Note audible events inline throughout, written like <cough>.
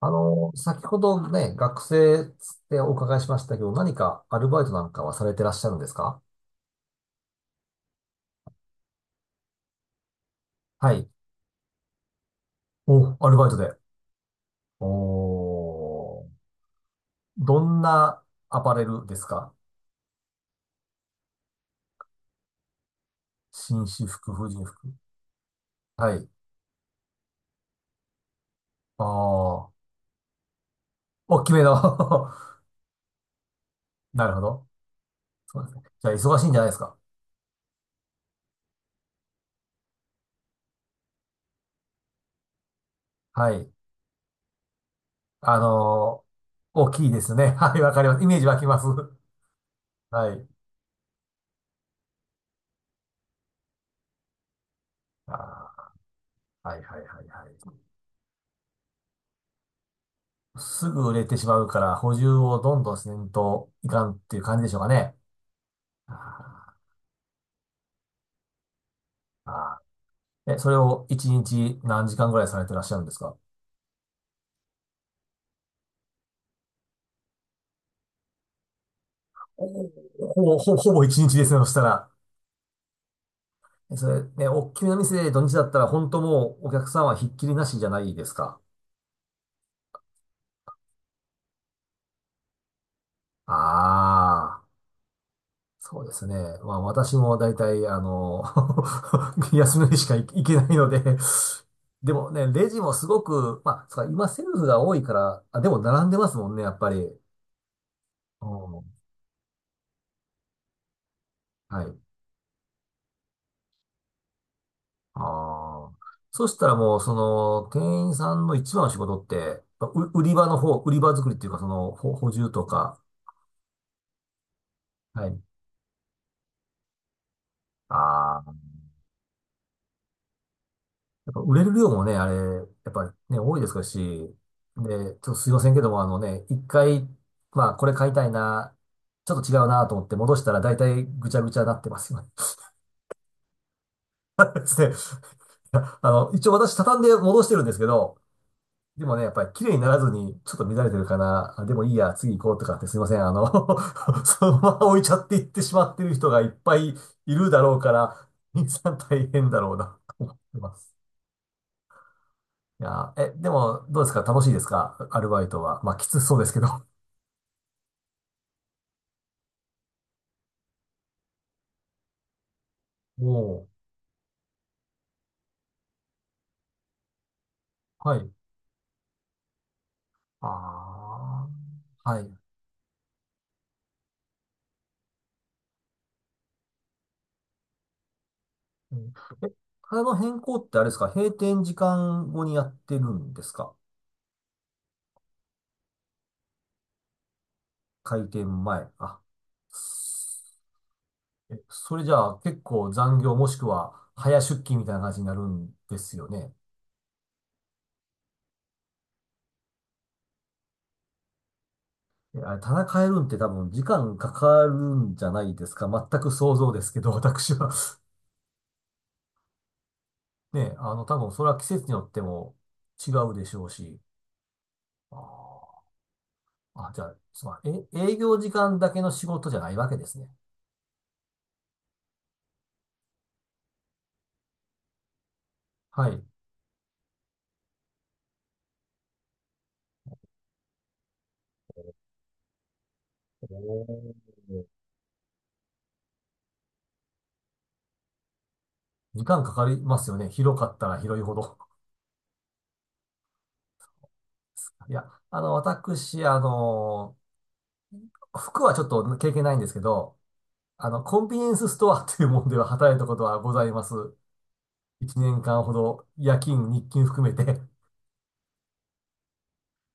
先ほどね、学生ってお伺いしましたけど、何かアルバイトなんかはされてらっしゃるんですか？はい。お、アルバイトで。おー、どんなアパレルですか？紳士服、婦人服。はい。ああ、大きめの <laughs> なるほど。そうですね。じゃあ、忙しいんじゃないですか？はい。あのー大きいですね。<laughs> はい、わかります。イメージ湧きます。はい。ああ、はいはいはいはい。すぐ売れてしまうから、補充をどんどんせんといかんっていう感じでしょうかね。あーあーえ、それを一日何時間ぐらいされてらっしゃるんですか？おほぼ、ほぼ、ほぼ一日ですね、そしたら。それ、ね、おっきめの店で土日だったら、本当もうお客さんはひっきりなしじゃないですか。ああ。そうですね。まあ私も大体、<laughs> 休みの日しか行けないので、でもね、レジもすごく、まあ、そうか今セルフが多いから、あ、でも並んでますもんね、やっぱり。うんはい。ああ。そしたらもう、その、店員さんの一番の仕事って、売り場の方、売り場作りっていうか、その、補充とか。はい。ああ。やっぱ売れる量もね、あれ、やっぱね、多いですし、で、ちょっとすいませんけども、あのね、一回、まあ、これ買いたいな、ちょっと違うなと思って戻したら大体ぐちゃぐちゃなってますよね。<laughs> ですね。いや一応私畳んで戻してるんですけど、でもね、やっぱり綺麗にならずに、ちょっと乱れてるかな、あでもいいや、次行こうとかってすいません、<laughs> そのまま置いちゃっていってしまってる人がいっぱいいるだろうから、皆さん大変だろうな、思ってます。いやー、でも、どうですか？楽しいですか？アルバイトは。まあ、きつそうですけど。<laughs> もう、はい。ああ、はい。うん、え、体の変更ってあれですか？閉店時間後にやってるんですか？開店前。あ、すそれじゃあ結構残業もしくは早出勤みたいな感じになるんですよね。あれ、棚変えるんって多分時間かかるんじゃないですか？全く想像ですけど、私は。ね、多分それは季節によっても違うでしょうし。あーじゃあ、すまん、営業時間だけの仕事じゃないわけですね。はい。おー時間かかりますよね。広かったら広いほど。<laughs> いや、私、服はちょっと経験ないんですけど、コンビニエンスストアというものでは働いたことはございます。1年間ほど、夜勤、日勤含めて。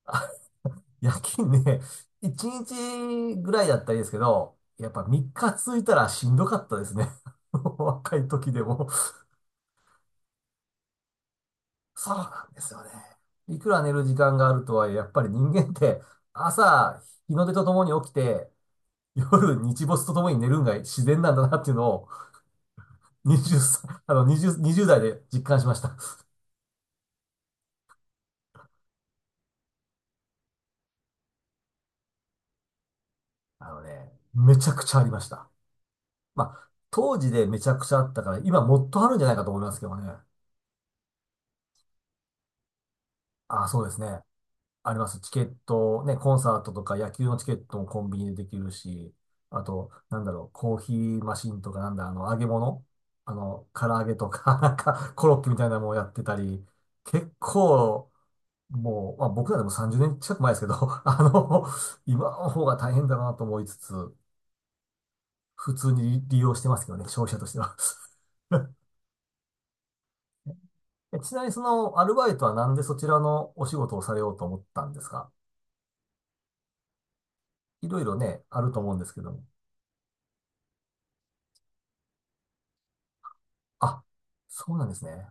<laughs> 夜勤ね、1日ぐらいだったらいいですけど、やっぱ3日続いたらしんどかったですね。<laughs> 若い時でも。そうなんですよね。いくら寝る時間があるとはいえ、やっぱり人間って朝、日の出とともに起きて、夜、日没とともに寝るんが自然なんだなっていうのを20、あの20、20代で実感しました。あのね、めちゃくちゃありました。まあ、当時でめちゃくちゃあったから、今もっとあるんじゃないかと思いますけどね。ああ、そうですね。あります。チケット、ね、コンサートとか野球のチケットもコンビニでできるし、あと、なんだろう、コーヒーマシンとか、なんだ、揚げ物、唐揚げとか、<laughs> なんか、コロッケみたいなのもやってたり、結構、もう、まあ、僕らでも30年近く前ですけど、<laughs> あの、今の方が大変だなと思いつつ、普通に利用してますけどね、消費者としては。<laughs> ちなみにそのアルバイトはなんでそちらのお仕事をされようと思ったんですか？いろいろね、あると思うんですけども。あ、そうなんですね。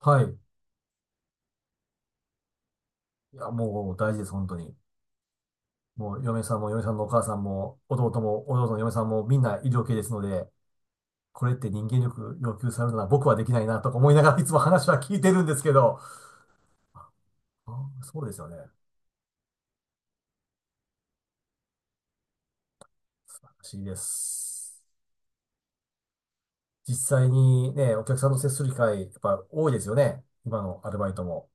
はい。いや、もう大事です、本当に。もう嫁さんも嫁さんのお母さんも、弟も、弟の嫁さんもみんな医療系ですので、これって人間力要求されるのは僕はできないなとか思いながらいつも話は聞いてるんですけど、そうですよね。素晴らしいです。実際にね、お客さんと接する機会、やっぱ多いですよね。今のアルバイトも。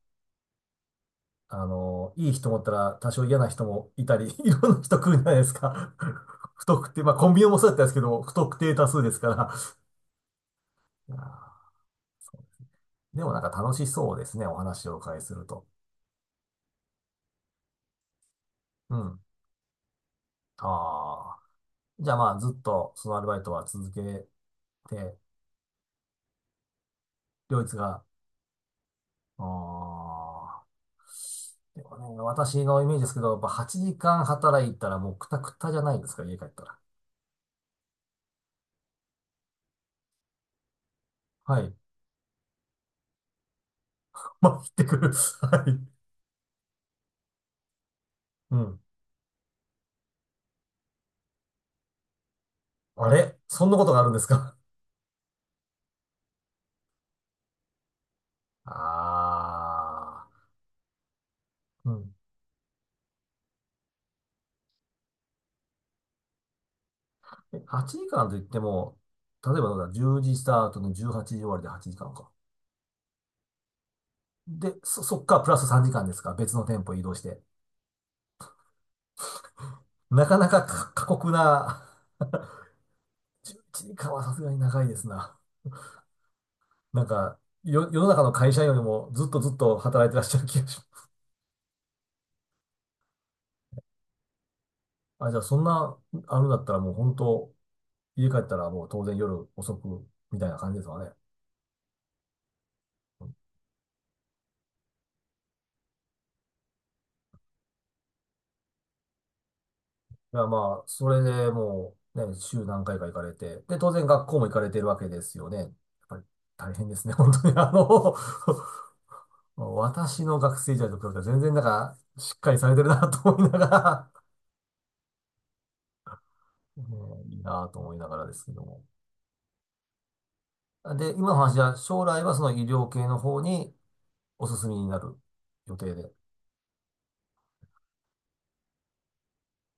いい人もおったら多少嫌な人もいたり、<laughs> いろんな人来るじゃないですか。<laughs> 不特定、まあコンビニもそうだったんですけど、<laughs> 不特定多数ですから。いやーでもなんか楽しそうですね、お話をお伺いすると。うん。ああ。じゃあまあずっとそのアルバイトは続けて、両立が、ああ。でもね、私のイメージですけど、やっぱ8時間働いたらもうクタクタじゃないですか、家帰ったら。はい。<laughs> まあ、行ってくる。<laughs> はい。うん。あれそんなことがあるんですか？ああ、うん。8時間といっても、例えばどうだ、10時スタートの18時終わりで8時間かんか。で、そっからプラス3時間ですか？別の店舗移動して。なかなか過酷な、11時間はさすがに長いですな。なんか、世の中の会社員よりもずっとずっと働いてらっしゃる気がします。あ、じゃあそんな、あるんだったらもう本当、家帰ったらもう当然夜遅くみたいな感じですわね。いや、まあ、それでもう、ね、週何回か行かれて、で、当然学校も行かれてるわけですよね。やっぱり大変ですね、本当に。<laughs> 私の学生時代と比べたら全然なんか、しっかりされてるなと思いながら、<laughs> ねいいなと思いながらですけども。で、今の話は、将来はその医療系の方にお進みになる予定で。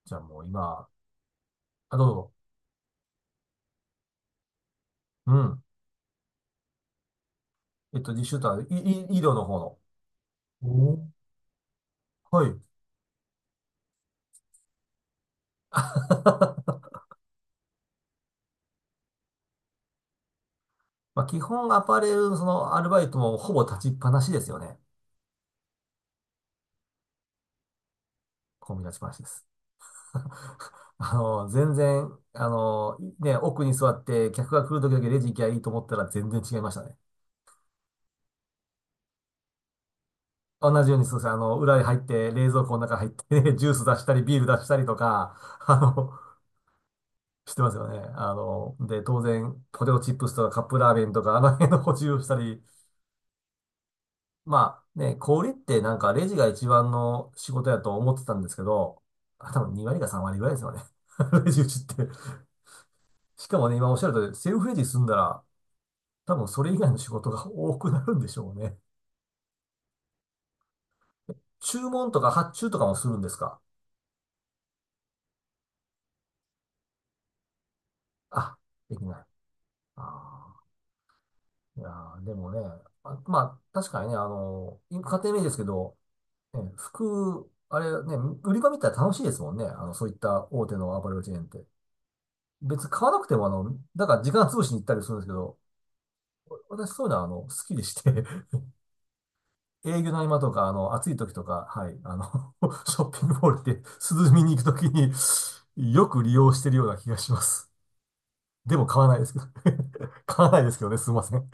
じゃあもう今、あ、どうぞ。うん。実習とは、いい医療の方の。おーはい。<laughs> まあ、基本アパレルのそのアルバイトもほぼ立ちっぱなしですよね。ほぼ立ちっぱなしです。全然、ね、奥に座って客が来る時だけレジ行きゃいいと思ったら全然違いましたね。同じようにそうですね。裏に入って、冷蔵庫の中入って <laughs> ジュース出したり、ビール出したりとか、あの、してますよね。で、当然、ポテトチップスとかカップラーメンとか、あの辺の補充をしたり、まあね、小売りってなんかレジが一番の仕事やと思ってたんですけど、あ、多分2割か3割ぐらいですよね。<laughs> レジ打ちって。しかもね、今おっしゃる通り、セルフレジ済んだら、多分それ以外の仕事が多くなるんでしょうね。注文とか発注とかもするんですか？あ、できない。ああ、いやーでもね、あ、まあ、確かにね、家庭名ですけど、ね、服、あれね、売り場見たら楽しいですもんね。そういった大手のアパレルチェーンって。別に買わなくてもだから時間潰しに行ったりするんですけど、私そういうのは好きでして、<laughs> 営業の合間とか、暑い時とか、はい、<laughs> ショッピングモールで涼みに行く時によく利用してるような気がします。でも買わないですけど <laughs> 買わないですけどね、すいません。